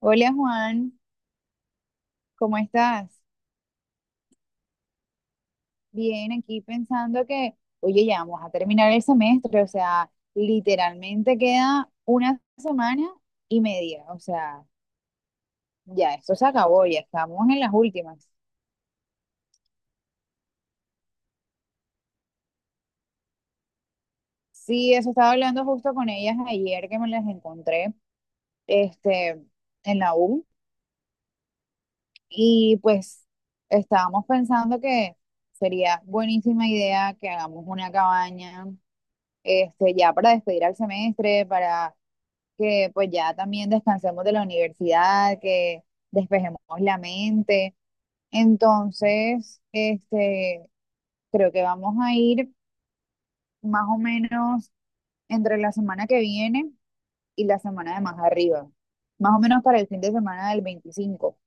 Hola Juan, ¿cómo estás? Bien, aquí pensando que, oye, ya vamos a terminar el semestre, o sea, literalmente queda una semana y media, o sea, ya esto se acabó, ya estamos en las últimas. Sí, eso estaba hablando justo con ellas ayer que me las encontré, este, en la U y pues estábamos pensando que sería buenísima idea que hagamos una cabaña, ya para despedir al semestre, para que pues ya también descansemos de la universidad, que despejemos la mente. Entonces, creo que vamos a ir más o menos entre la semana que viene y la semana de más arriba, más o menos para el fin de semana del 25.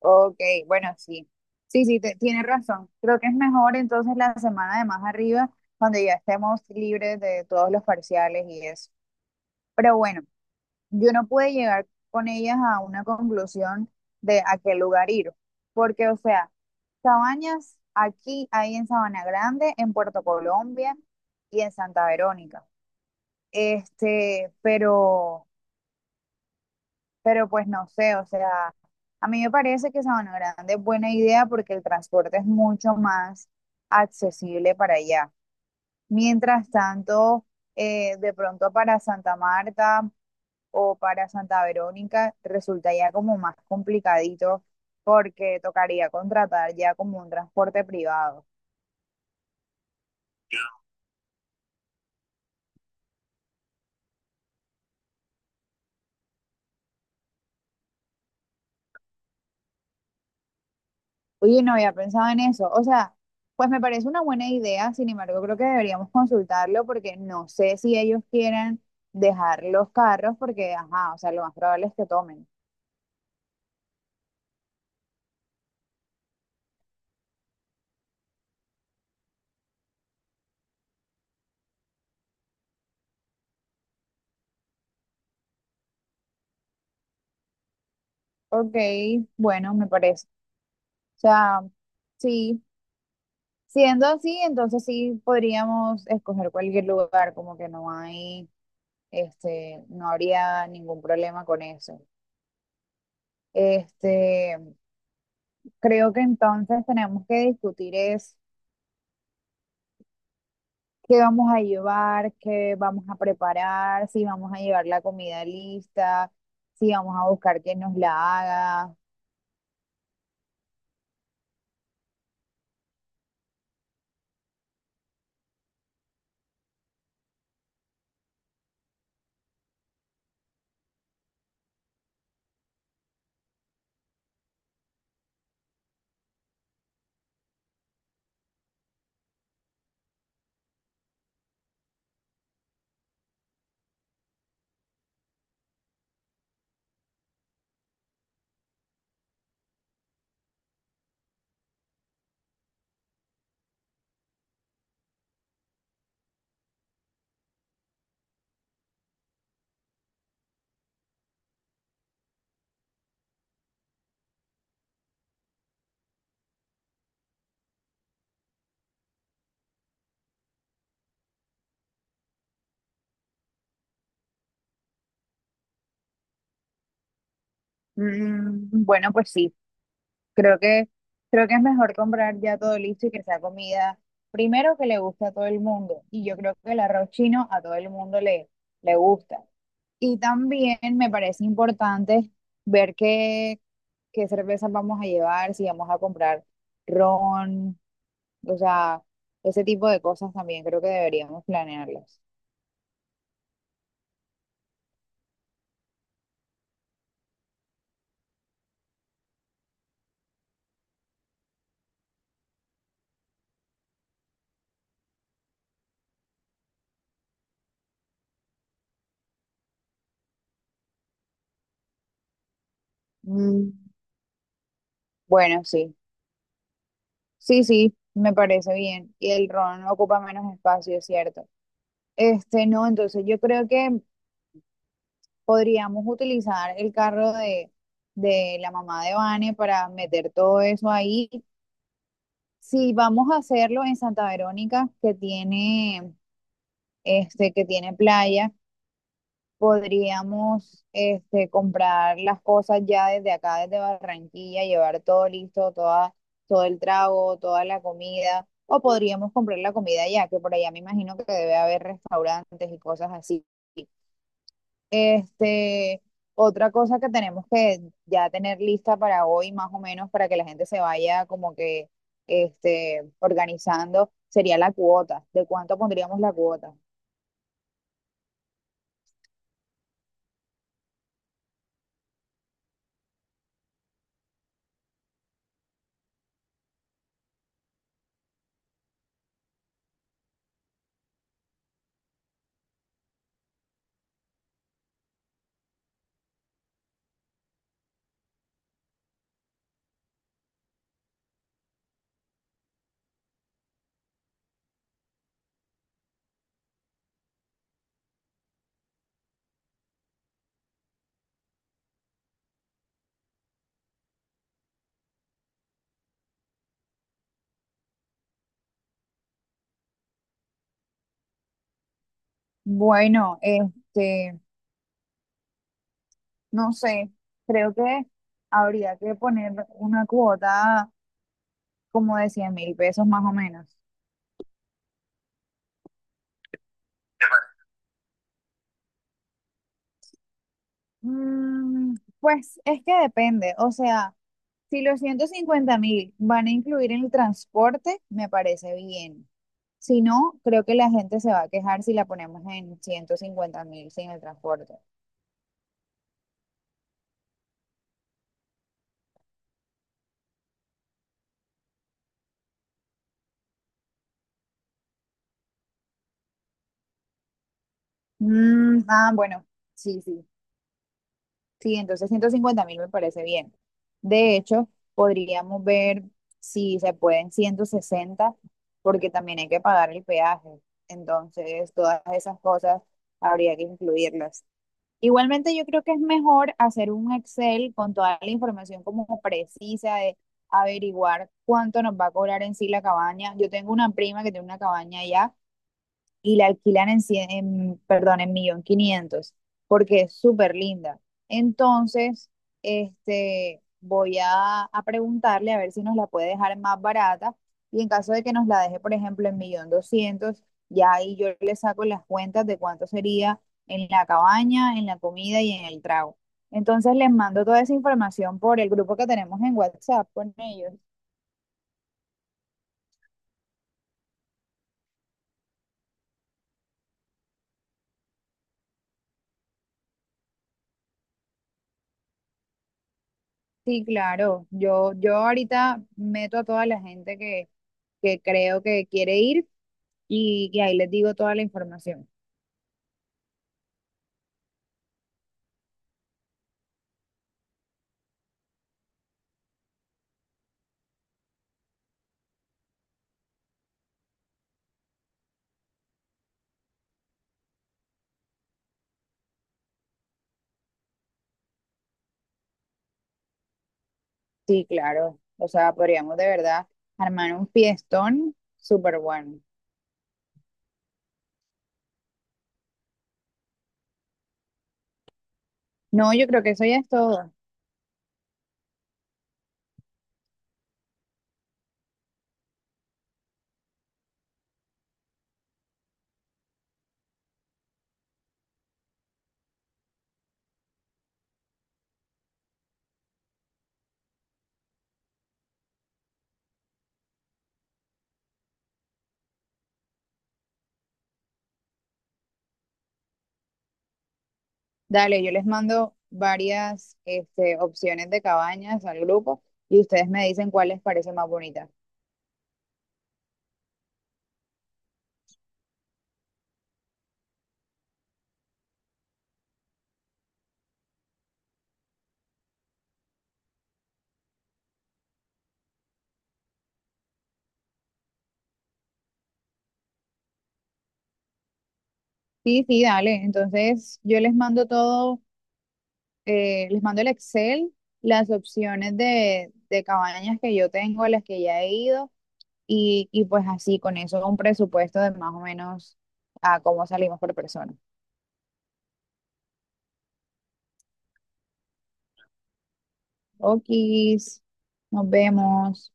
Ok, bueno, sí. Sí, sí, tienes razón. Creo que es mejor entonces la semana de más arriba, donde ya estemos libres de todos los parciales y eso. Pero bueno, yo no pude llegar con ellas a una conclusión de a qué lugar ir, porque, o sea, cabañas aquí hay en Sabana Grande, en Puerto Colombia y en Santa Verónica. Este, pero, pero pues no sé, o sea, a mí me parece que Sabana Grande es buena idea porque el transporte es mucho más accesible para allá. Mientras tanto, de pronto para Santa Marta o para Santa Verónica resulta ya como más complicadito porque tocaría contratar ya como un transporte privado. Oye, no había pensado en eso. O sea, pues me parece una buena idea, sin embargo, creo que deberíamos consultarlo porque no sé si ellos quieren dejar los carros porque, ajá, o sea, lo más probable es que tomen. Ok, bueno, me parece. O sea, sí, siendo así, entonces sí podríamos escoger cualquier lugar, como que no hay. No habría ningún problema con eso. Este, creo que entonces tenemos que discutir es qué vamos a llevar, qué vamos a preparar, si vamos a llevar la comida lista, si vamos a buscar quien nos la haga. Mm, bueno, pues sí, creo que creo que es mejor comprar ya todo listo y que sea comida primero que le guste a todo el mundo. Y yo creo que el arroz chino a todo el mundo le gusta. Y también me parece importante ver qué cervezas vamos a llevar, si vamos a comprar ron, o sea, ese tipo de cosas también creo que deberíamos planearlas. Mm, bueno, sí, sí, sí, me parece bien. Y el ron ocupa menos espacio, es cierto. No, entonces yo creo que podríamos utilizar el carro de la mamá de Vane para meter todo eso ahí. Si vamos a hacerlo en Santa Verónica, que tiene que tiene playa, podríamos comprar las cosas ya desde acá, desde Barranquilla, llevar todo listo, todo el trago, toda la comida, o podríamos comprar la comida ya, que por allá me imagino que debe haber restaurantes y cosas así. Este, otra cosa que tenemos que ya tener lista para hoy, más o menos, para que la gente se vaya como que organizando, sería la cuota. ¿De cuánto pondríamos la cuota? Bueno, no sé, creo que habría que poner una cuota como de 100.000 pesos más o menos. Mm, pues es que depende, o sea, si los 150.000 van a incluir en el transporte, me parece bien. Si no, creo que la gente se va a quejar si la ponemos en 150.000 sin el transporte. Mm, ah, bueno, sí, sí. Sí, entonces 150.000 me parece bien. De hecho, podríamos ver si se pueden 160 porque también hay que pagar el peaje. Entonces, todas esas cosas habría que incluirlas. Igualmente, yo creo que es mejor hacer un Excel con toda la información como precisa de averiguar cuánto nos va a cobrar en sí la cabaña. Yo tengo una prima que tiene una cabaña allá y la alquilan en, 100, en perdón, en 1.500.000, porque es súper linda. Entonces, voy a preguntarle a ver si nos la puede dejar más barata y en caso de que nos la deje, por ejemplo, en 1.200.000, ya ahí yo le saco las cuentas de cuánto sería en la cabaña, en la comida y en el trago. Entonces les mando toda esa información por el grupo que tenemos en WhatsApp con ellos. Sí, claro. Yo ahorita meto a toda la gente que creo que quiere ir y que ahí les digo toda la información. Sí, claro. O sea, podríamos de verdad armar un fiestón súper bueno. No, yo creo que eso ya es todo. Dale, yo les mando varias opciones de cabañas al grupo y ustedes me dicen cuál les parece más bonita. Sí, sí, dale. Entonces yo les mando todo, les mando el Excel, las opciones de cabañas que yo tengo, a las que ya he ido. Y pues así, con eso, un presupuesto de más o menos a cómo salimos por persona. Okis, nos vemos.